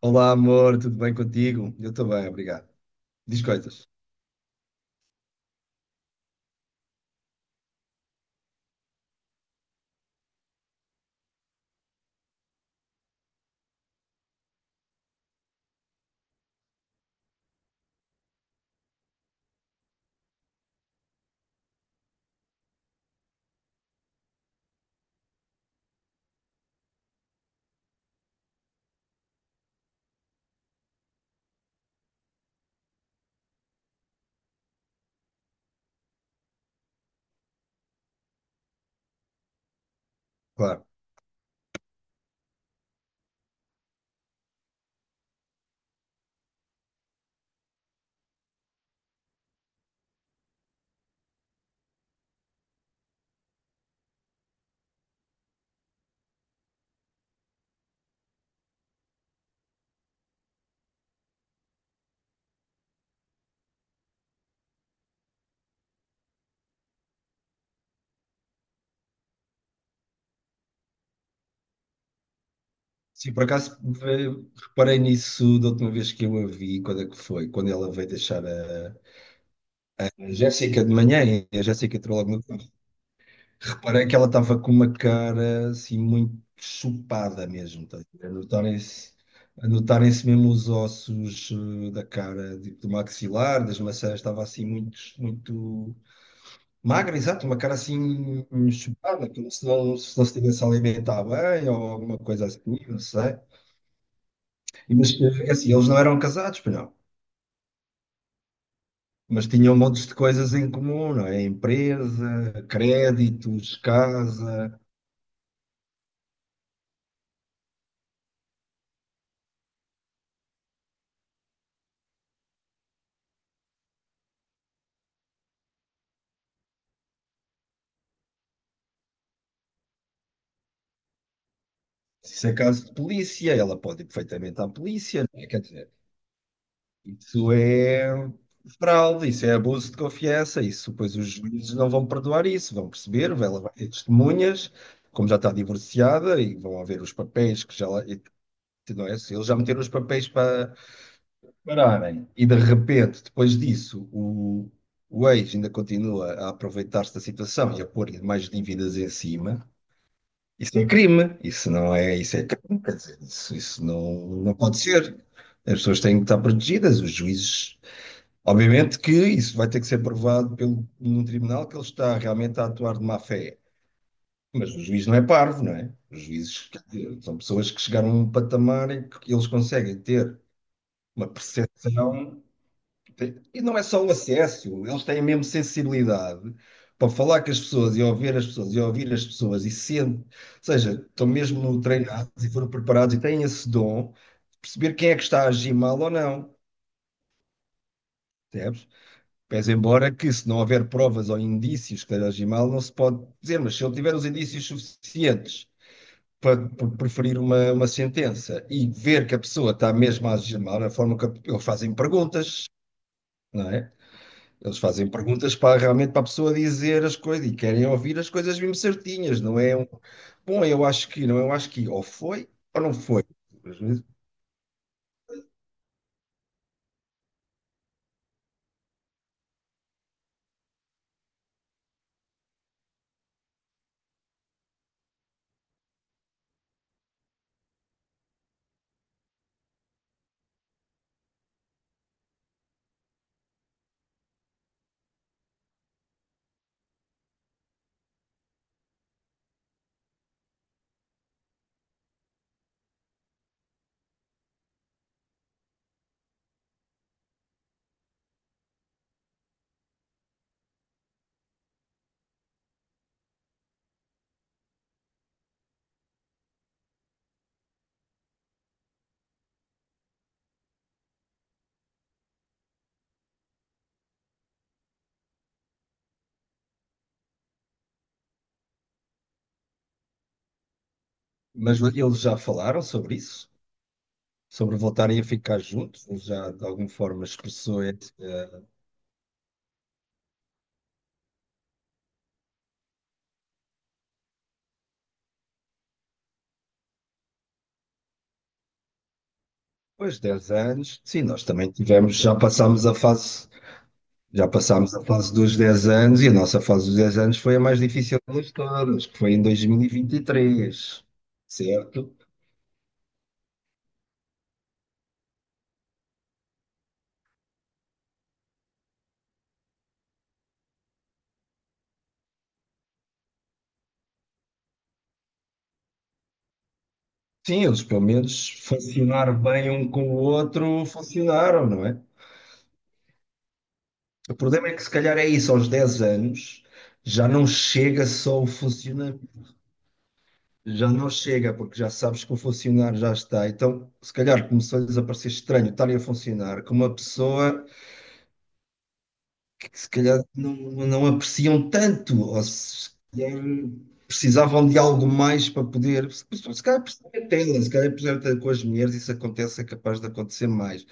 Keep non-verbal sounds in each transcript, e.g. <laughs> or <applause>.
Olá, amor, tudo bem contigo? Eu estou bem, obrigado. Diz coisas, claro. Sim, por acaso eh, reparei nisso da última vez que eu a vi. Quando é que foi? Quando ela veio deixar a Jéssica de manhã e a Jéssica entrou logo no carro. Reparei que ela estava com uma cara assim muito chupada mesmo, tá a ver? A notarem-se mesmo os ossos da cara, tipo, do maxilar, das maçãs. Estava assim muito, muito magra, exato, uma cara assim chupada, como se não se tivesse a alimentar bem ou alguma coisa assim, não sei. E, mas assim, eles não eram casados, pois não. Mas tinham montes de coisas em comum, não é? Empresa, créditos, casa. Se isso é caso de polícia, ela pode ir perfeitamente à polícia, não é? Quer dizer, isso é fraude, isso é abuso de confiança, isso pois os juízes não vão perdoar isso, vão perceber, ela vai ter testemunhas como já está divorciada, e vão haver os papéis que já lá- não é? Se eles já meteram os papéis para pararem e de repente, depois disso, o ex ainda continua a aproveitar-se da situação e a pôr-lhe mais dívidas em cima. Isso é crime, isso não é, isso é crime, quer dizer, isso não pode ser. As pessoas têm que estar protegidas, os juízes. Obviamente que isso vai ter que ser provado pelo, num tribunal, que ele está realmente a atuar de má fé. Mas o juiz não é parvo, não é? Os juízes, quer dizer, são pessoas que chegaram a um patamar em que eles conseguem ter uma percepção. E não é só o acesso, eles têm a mesma sensibilidade para falar com as pessoas e ouvir as pessoas e sendo, ou seja, estão mesmo treinados e foram preparados e têm esse dom de perceber quem é que está a agir mal ou não, percebes? Pese embora que, se não houver provas ou indícios que esteja a agir mal, não se pode dizer, mas se ele tiver os indícios suficientes para preferir uma sentença e ver que a pessoa está mesmo a agir mal, a forma que eles fazem perguntas, não é? Eles fazem perguntas para realmente para a pessoa dizer as coisas e querem ouvir as coisas mesmo certinhas, não é um, bom, eu acho que, não, eu acho que, ou foi ou não foi. Mas, eles já falaram sobre isso, sobre voltarem a ficar juntos? Ele já de alguma forma expressou esse, depois de 10 anos? Sim, nós também tivemos, já passámos a fase dos 10 anos, e a nossa fase dos 10 anos foi a mais difícil das todas, que foi em 2023, certo? Sim, eles, pelo menos funcionar bem um com o outro, funcionaram, não é? O problema é que se calhar é isso, aos 10 anos já não chega só o funcionar, já não chega, porque já sabes que o funcionar já está. Então, se calhar começou-lhes a parecer estranho estarem a funcionar com uma pessoa que se calhar não apreciam tanto, ou se calhar precisavam de algo mais para poder. Se se calhar perceber tela, se calhar perceber com as mulheres, isso acontece, é capaz de acontecer mais.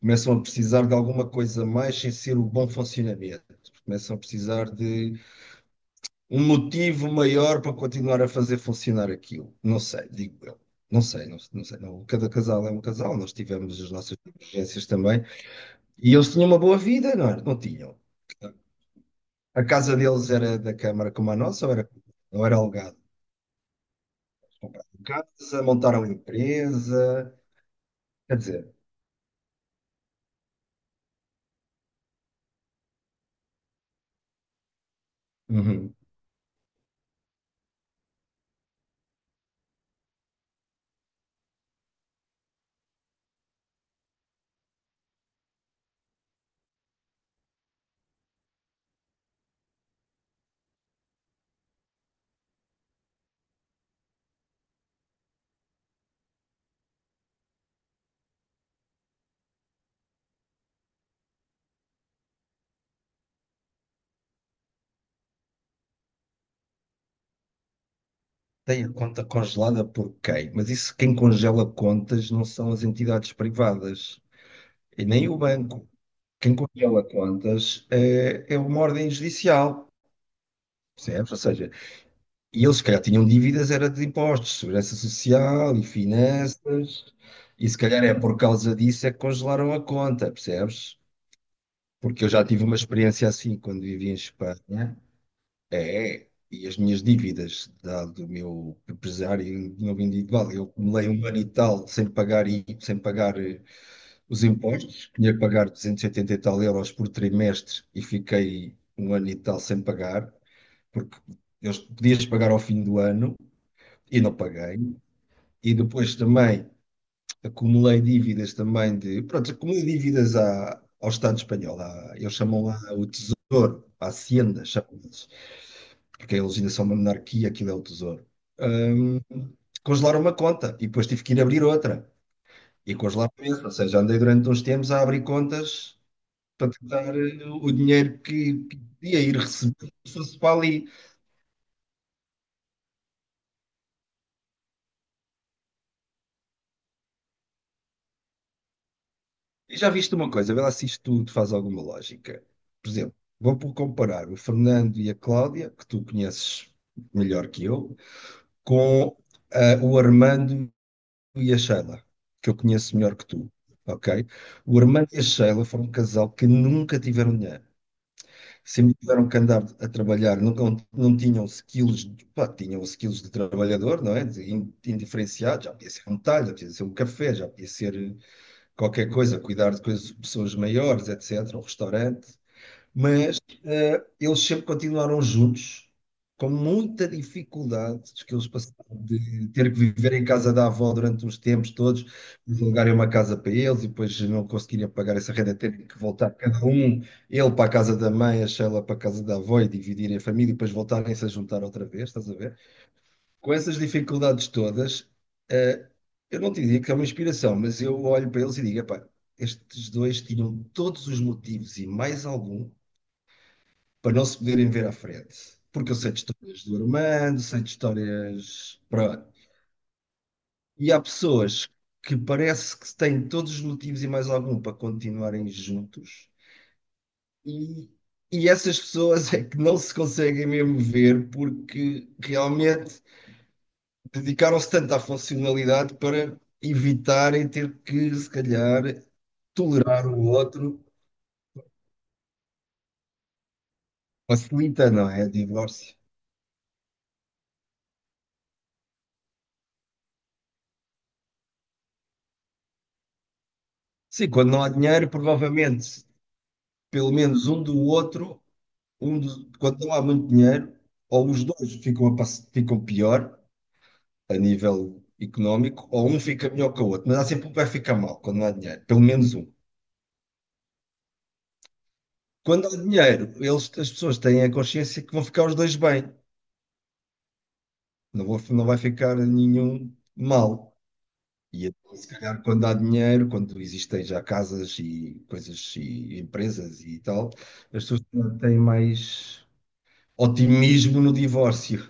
Começam a precisar de alguma coisa mais sem ser o bom funcionamento. Começam a precisar de um motivo maior para continuar a fazer funcionar aquilo. Não sei, digo eu. Não sei, não, não sei, não. Cada casal é um casal, nós tivemos as nossas divergências também. E eles tinham uma boa vida, não era? Não tinham? A casa deles era da Câmara como a nossa, ou era alugada? Casa, montaram empresa, quer dizer. Uhum. Tem a conta congelada por quem? Mas isso, quem congela contas não são as entidades privadas e nem o banco. Quem congela contas é uma ordem judicial, percebes? Ou seja, e eles, se calhar, tinham dívidas, era de impostos, segurança social e finanças, e se calhar é por causa disso é que congelaram a conta, percebes? Porque eu já tive uma experiência assim quando vivi em Espanha. É, e as minhas dívidas do meu empresário, do meu individual, eu acumulei um ano e tal sem pagar os impostos. Tinha que pagar 280 e oitenta e tal euros por trimestre e fiquei um ano e tal sem pagar, porque eu podias pagar ao fim do ano e não paguei. E depois também acumulei dívidas também de, pronto, acumulei dívidas ao Estado espanhol, à, eles chamam lá o Tesouro, a Hacienda, chamam, porque a legislação é uma monarquia, aquilo é o tesouro. Hum, Congelaram uma conta e depois tive que ir abrir outra. E congelaram mesmo, ou seja, andei durante uns tempos a abrir contas para tentar o dinheiro que podia ir receber se fosse para ali. E já viste uma coisa, vê lá se isto tudo faz alguma lógica. Por exemplo, vou por comparar o Fernando e a Cláudia, que tu conheces melhor que eu, com o Armando e a Sheila, que eu conheço melhor que tu, ok? O Armando e a Sheila foram um casal que nunca tiveram dinheiro. Sempre tiveram que andar a trabalhar, nunca, não tinham skills, pá, tinham skills de trabalhador, não é? De indiferenciado, já podia ser um talho, já podia ser um café, já podia ser qualquer coisa, cuidar de coisas, pessoas maiores, etc., um restaurante, mas eles sempre continuaram juntos, com muita dificuldade que eles passaram, de ter que viver em casa da avó durante uns tempos todos, de alugarem uma casa para eles e depois não conseguirem pagar essa renda, terem que voltar cada um, ele para a casa da mãe, a Sheila para a casa da avó, e dividirem a família e depois voltarem-se a juntar outra vez, estás a ver? Com essas dificuldades todas, eh, eu não te digo que é uma inspiração, mas eu olho para eles e digo, "Epá, estes dois tinham todos os motivos e mais algum para não se poderem ver à frente." Porque eu sei de histórias do Armando, sei de histórias. Pronto. E há pessoas que parece que têm todos os motivos e mais algum para continuarem juntos, e, e essas pessoas é que não se conseguem mesmo ver, porque realmente dedicaram-se tanto à funcionalidade para evitarem ter que, se calhar, tolerar o outro. Facilita, não é? Divórcio. Sim, quando não há dinheiro, provavelmente pelo menos um do outro, quando não há muito dinheiro, ou os dois ficam, ficam pior a nível económico, ou um fica melhor que o outro, mas há sempre um que vai ficar mal quando não há dinheiro, pelo menos um. Quando há dinheiro, eles, as pessoas têm a consciência que vão ficar os dois bem, não vai ficar nenhum mal. E então, se calhar, quando há dinheiro, quando existem já casas e coisas e empresas e tal, as pessoas têm mais otimismo no divórcio.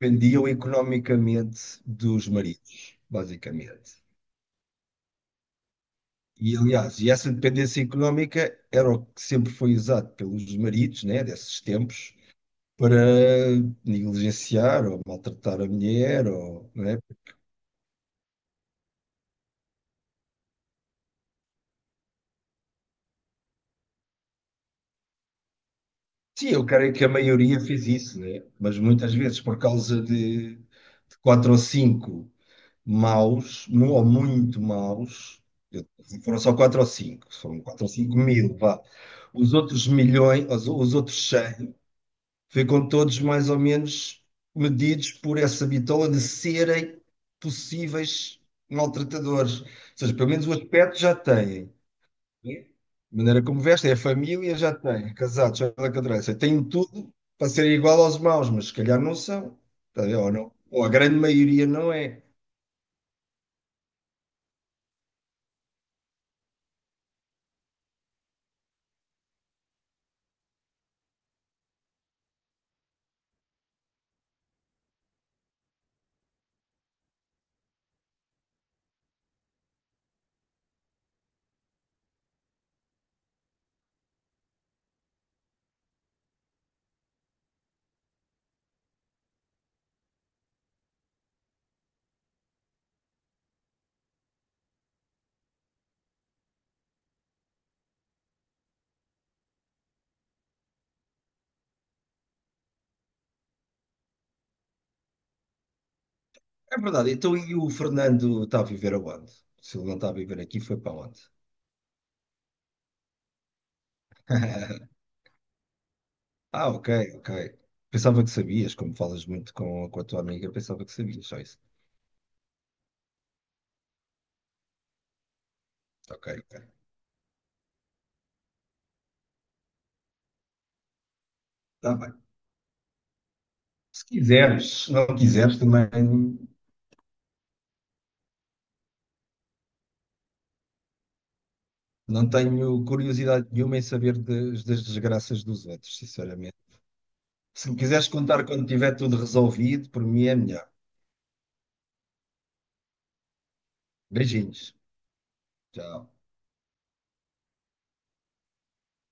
Dependiam economicamente dos maridos, basicamente. E, aliás, e essa dependência económica era o que sempre foi usado pelos maridos, né, desses tempos, para negligenciar ou maltratar a mulher. Ou, né? Sim, eu creio que a maioria fez isso, né? Mas muitas vezes, por causa de quatro ou cinco maus, ou muito maus, eu- foram só quatro ou cinco, foram quatro ou cinco mil, vá. Os outros milhões, os outros 100 ficam todos mais ou menos medidos por essa bitola de serem possíveis maltratadores. Ou seja, pelo menos o aspecto já têm. Né? A maneira como vestem, a família já tem, casados, já da cadeira. Têm tudo para serem igual aos maus, mas se calhar não são. Tá a ver? Ou não. Ou a grande maioria não é. É verdade. Então, e o Fernando está a viver aonde? Se ele não está a viver aqui, foi para onde? <laughs> Ah, ok, ok. Pensava que sabias, como falas muito com a tua amiga, pensava que sabias só isso. Ok, ok. Está bem. Se quiseres, se não quiseres, também não tenho curiosidade nenhuma em saber das desgraças dos outros, sinceramente. Se me quiseres contar quando tiver tudo resolvido, por mim é melhor. Beijinhos. Tchau.